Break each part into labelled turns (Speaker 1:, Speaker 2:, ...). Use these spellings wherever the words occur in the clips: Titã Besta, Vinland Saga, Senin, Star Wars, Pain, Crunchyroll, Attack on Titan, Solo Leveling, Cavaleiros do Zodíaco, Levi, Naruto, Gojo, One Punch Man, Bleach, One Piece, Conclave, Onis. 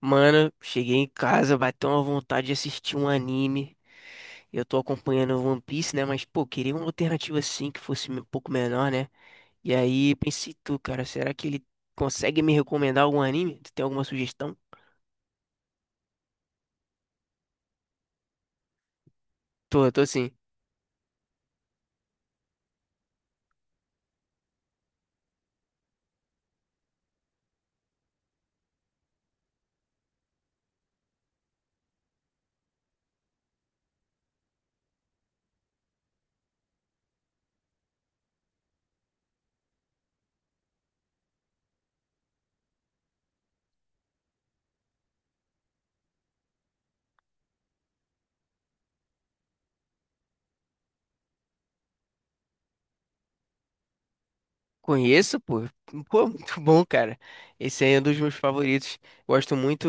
Speaker 1: Mano, cheguei em casa, bateu uma vontade de assistir um anime. Eu tô acompanhando One Piece, né? Mas, pô, queria uma alternativa assim que fosse um pouco menor, né? E aí pensei, tu, cara, será que ele consegue me recomendar algum anime? Tu tem alguma sugestão? Tô, tô sim. Conheço, pô. Pô, muito bom, cara. Esse aí é um dos meus favoritos. Gosto muito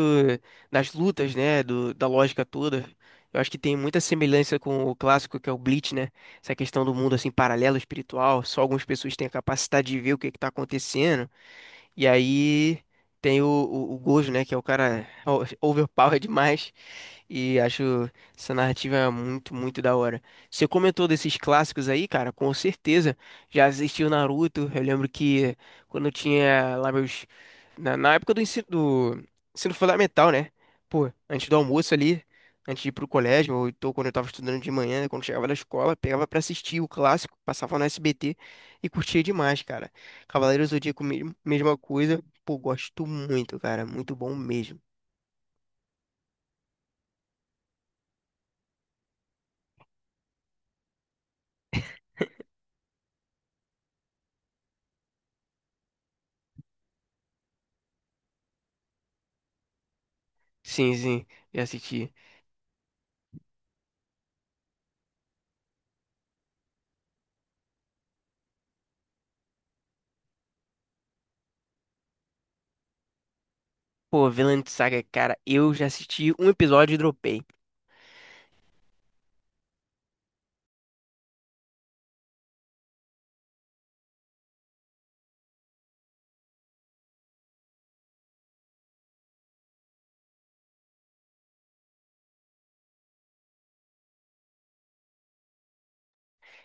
Speaker 1: das lutas, né? Da lógica toda. Eu acho que tem muita semelhança com o clássico que é o Bleach, né? Essa questão do mundo assim paralelo espiritual. Só algumas pessoas têm a capacidade de ver o que que tá acontecendo. E aí tem o Gojo, né? Que é o cara overpower demais. E acho essa narrativa muito, muito da hora. Você comentou desses clássicos aí, cara, com certeza. Já assisti o Naruto. Eu lembro que quando eu tinha lá meus. Na época do ensino fundamental, né? Pô, antes do almoço ali, antes de ir pro colégio, ou então quando eu tava estudando de manhã, né, quando chegava da escola, pegava pra assistir o clássico, passava no SBT e curtia demais, cara. Cavaleiros do Zodíaco, mesma coisa. Pô, gosto muito, cara. Muito bom mesmo. Sim, sim, já assisti. Pô, Vinland Saga, cara, eu já assisti um episódio e dropei.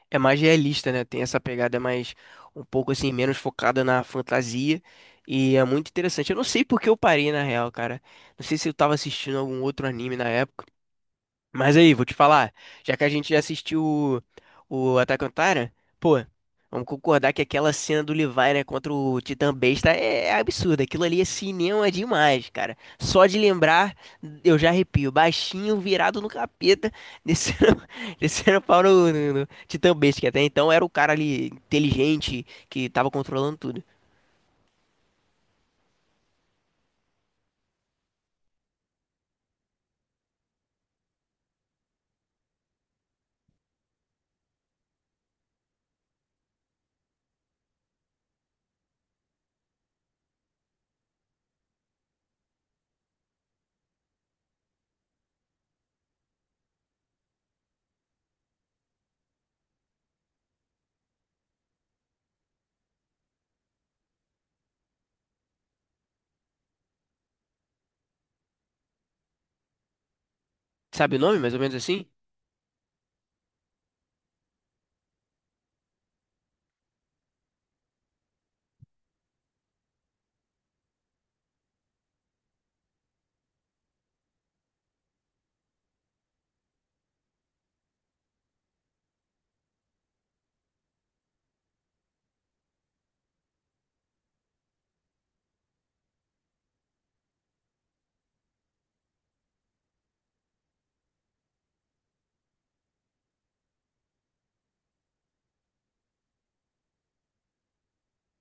Speaker 1: É mais realista, né? Tem essa pegada mais um pouco assim, menos focada na fantasia. E é muito interessante. Eu não sei por que eu parei, na real, cara. Não sei se eu tava assistindo algum outro anime na época. Mas aí, vou te falar, já que a gente já assistiu o Attack on Titan, pô, vamos concordar que aquela cena do Levi, né, contra o Titã Besta é absurda. Aquilo ali é cinema demais, cara. Só de lembrar, eu já arrepio. Baixinho, virado no capeta, descendo, descendo pau no Titã Besta, que até então era o cara ali inteligente que tava controlando tudo. Sabe o nome, mais ou menos assim?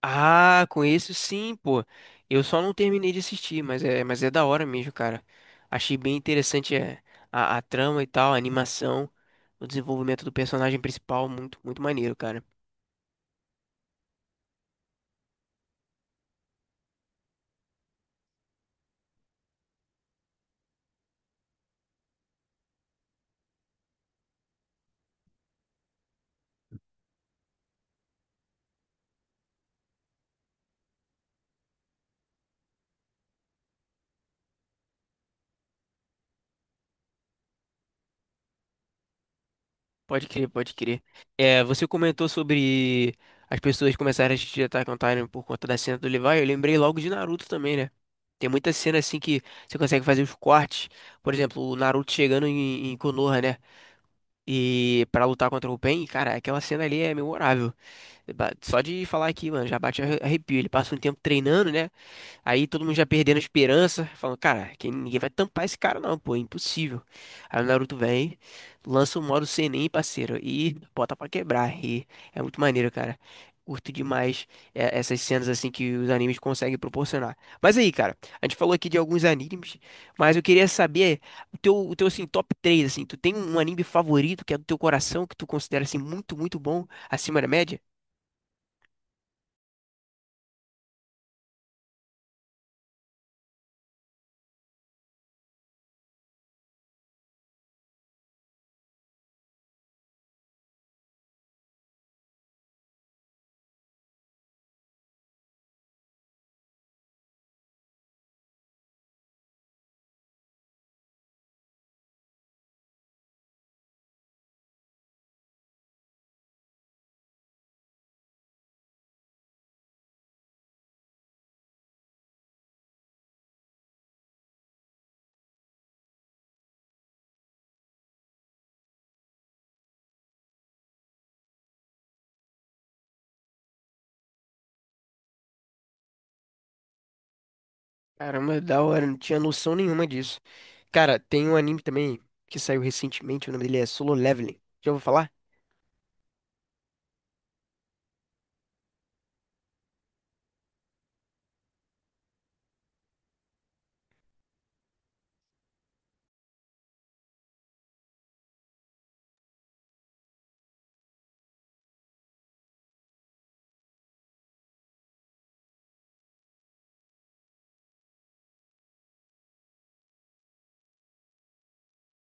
Speaker 1: Ah, conheço sim, pô. Eu só não terminei de assistir, mas mas é da hora mesmo, cara. Achei bem interessante é, a trama e tal, a animação, o desenvolvimento do personagem principal, muito, muito maneiro, cara. Pode crer, pode crer. É, você comentou sobre as pessoas começarem a assistir Attack on Titan por conta da cena do Levi. Eu lembrei logo de Naruto também, né? Tem muita cena assim que você consegue fazer os cortes. Por exemplo, o Naruto chegando em Konoha, né? E para lutar contra o Pain, cara, aquela cena ali é memorável. Só de falar aqui, mano, já bate arrepio. Ele passa um tempo treinando, né? Aí todo mundo já perdendo a esperança, falando, cara, que ninguém vai tampar esse cara não, pô, é impossível. Aí o Naruto vem, lança o modo Senin, parceiro, e bota pra quebrar. E é muito maneiro, cara. Curto demais é, essas cenas assim que os animes conseguem proporcionar. Mas aí, cara, a gente falou aqui de alguns animes, mas eu queria saber o teu assim, top 3 assim, tu tem um anime favorito que é do teu coração, que tu considera assim muito, muito bom, acima da média? Caramba, da hora, não tinha noção nenhuma disso. Cara, tem um anime também que saiu recentemente, o nome dele é Solo Leveling. Já ouviu falar?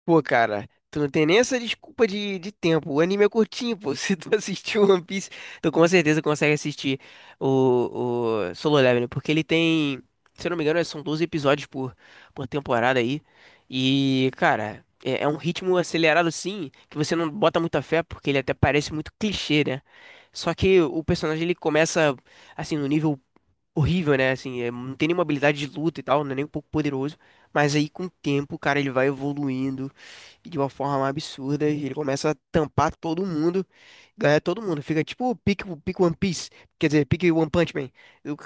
Speaker 1: Pô, cara, tu não tem nem essa desculpa de tempo. O anime é curtinho, pô. Se tu assistiu One Piece, tu com certeza consegue assistir o Solo Leveling, porque ele tem, se eu não me engano, são 12 episódios por temporada aí. E, cara, é um ritmo acelerado assim, que você não bota muita fé, porque ele até parece muito clichê, né? Só que o personagem ele começa assim no nível horrível, né? Assim, é, não tem nenhuma habilidade de luta e tal, não é nem um pouco poderoso, mas aí com o tempo, cara, ele vai evoluindo de uma forma absurda. E ele começa a tampar todo mundo, ganhar todo mundo. Fica tipo o pique One Piece, quer dizer, pique One Punch Man. O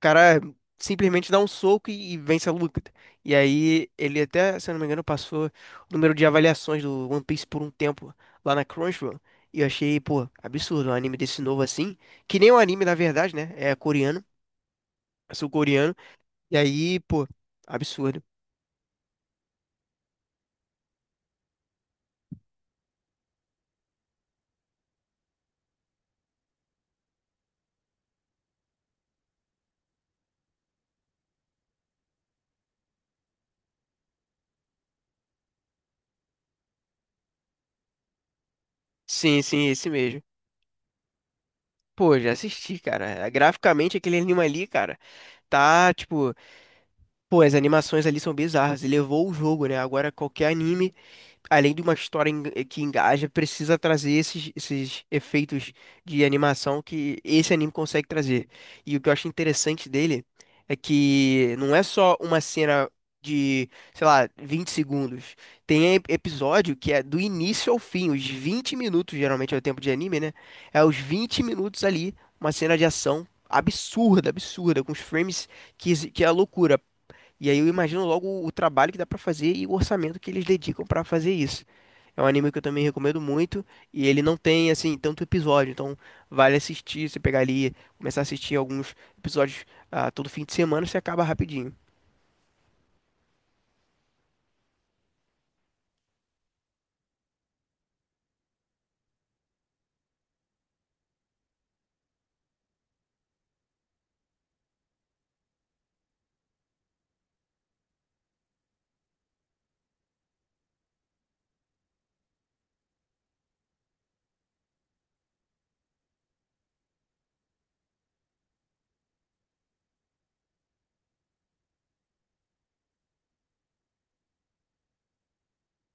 Speaker 1: cara simplesmente dá um soco e vence a luta. E aí ele até, se eu não me engano, passou o número de avaliações do One Piece por um tempo lá na Crunchyroll. E eu achei, pô, absurdo um anime desse novo assim, que nem um anime na verdade, né? É coreano, é sul-coreano. E aí, pô, absurdo. Sim, sim, esse mesmo. Pô, já assisti, cara. Graficamente, aquele anime ali, cara, tá, tipo, pô, as animações ali são bizarras. E levou o jogo, né? Agora, qualquer anime além de uma história que engaja, precisa trazer esses, esses efeitos de animação que esse anime consegue trazer. E o que eu acho interessante dele é que não é só uma cena de, sei lá, 20 segundos. Tem episódio que é do início ao fim, os 20 minutos, geralmente é o tempo de anime, né? É os 20 minutos ali, uma cena de ação. Absurda, absurda, com os frames que, que é a loucura. E aí eu imagino logo o trabalho que dá pra fazer e o orçamento que eles dedicam pra fazer isso. É um anime que eu também recomendo muito e ele não tem assim tanto episódio, então vale assistir, você pegar ali, começar a assistir alguns episódios ah, todo fim de semana, você acaba rapidinho.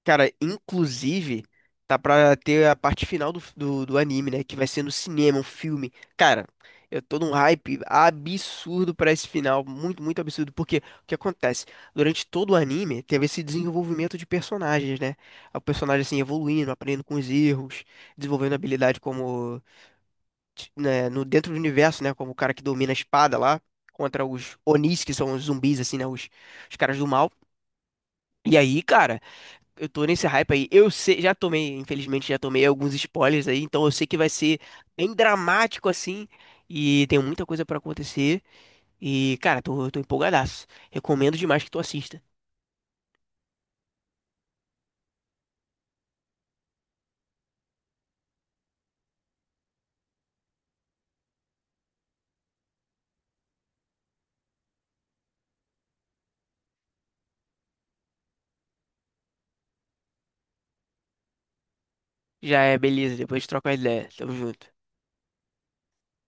Speaker 1: Cara, inclusive tá pra ter a parte final do anime, né, que vai ser no cinema, um filme. Cara, eu tô num hype absurdo pra esse final, muito, muito absurdo, porque o que acontece? Durante todo o anime teve esse desenvolvimento de personagens, né? O personagem assim evoluindo, aprendendo com os erros, desenvolvendo habilidade como né, no dentro do universo, né, como o cara que domina a espada lá contra os Onis, que são os zumbis assim, né, os caras do mal. E aí, cara, eu tô nesse hype aí. Eu sei, já tomei, infelizmente já tomei alguns spoilers aí, então eu sei que vai ser bem dramático assim e tem muita coisa pra acontecer. E, cara, tô, tô empolgadaço. Recomendo demais que tu assista. Já é beleza, depois troca a ideia. Tamo junto.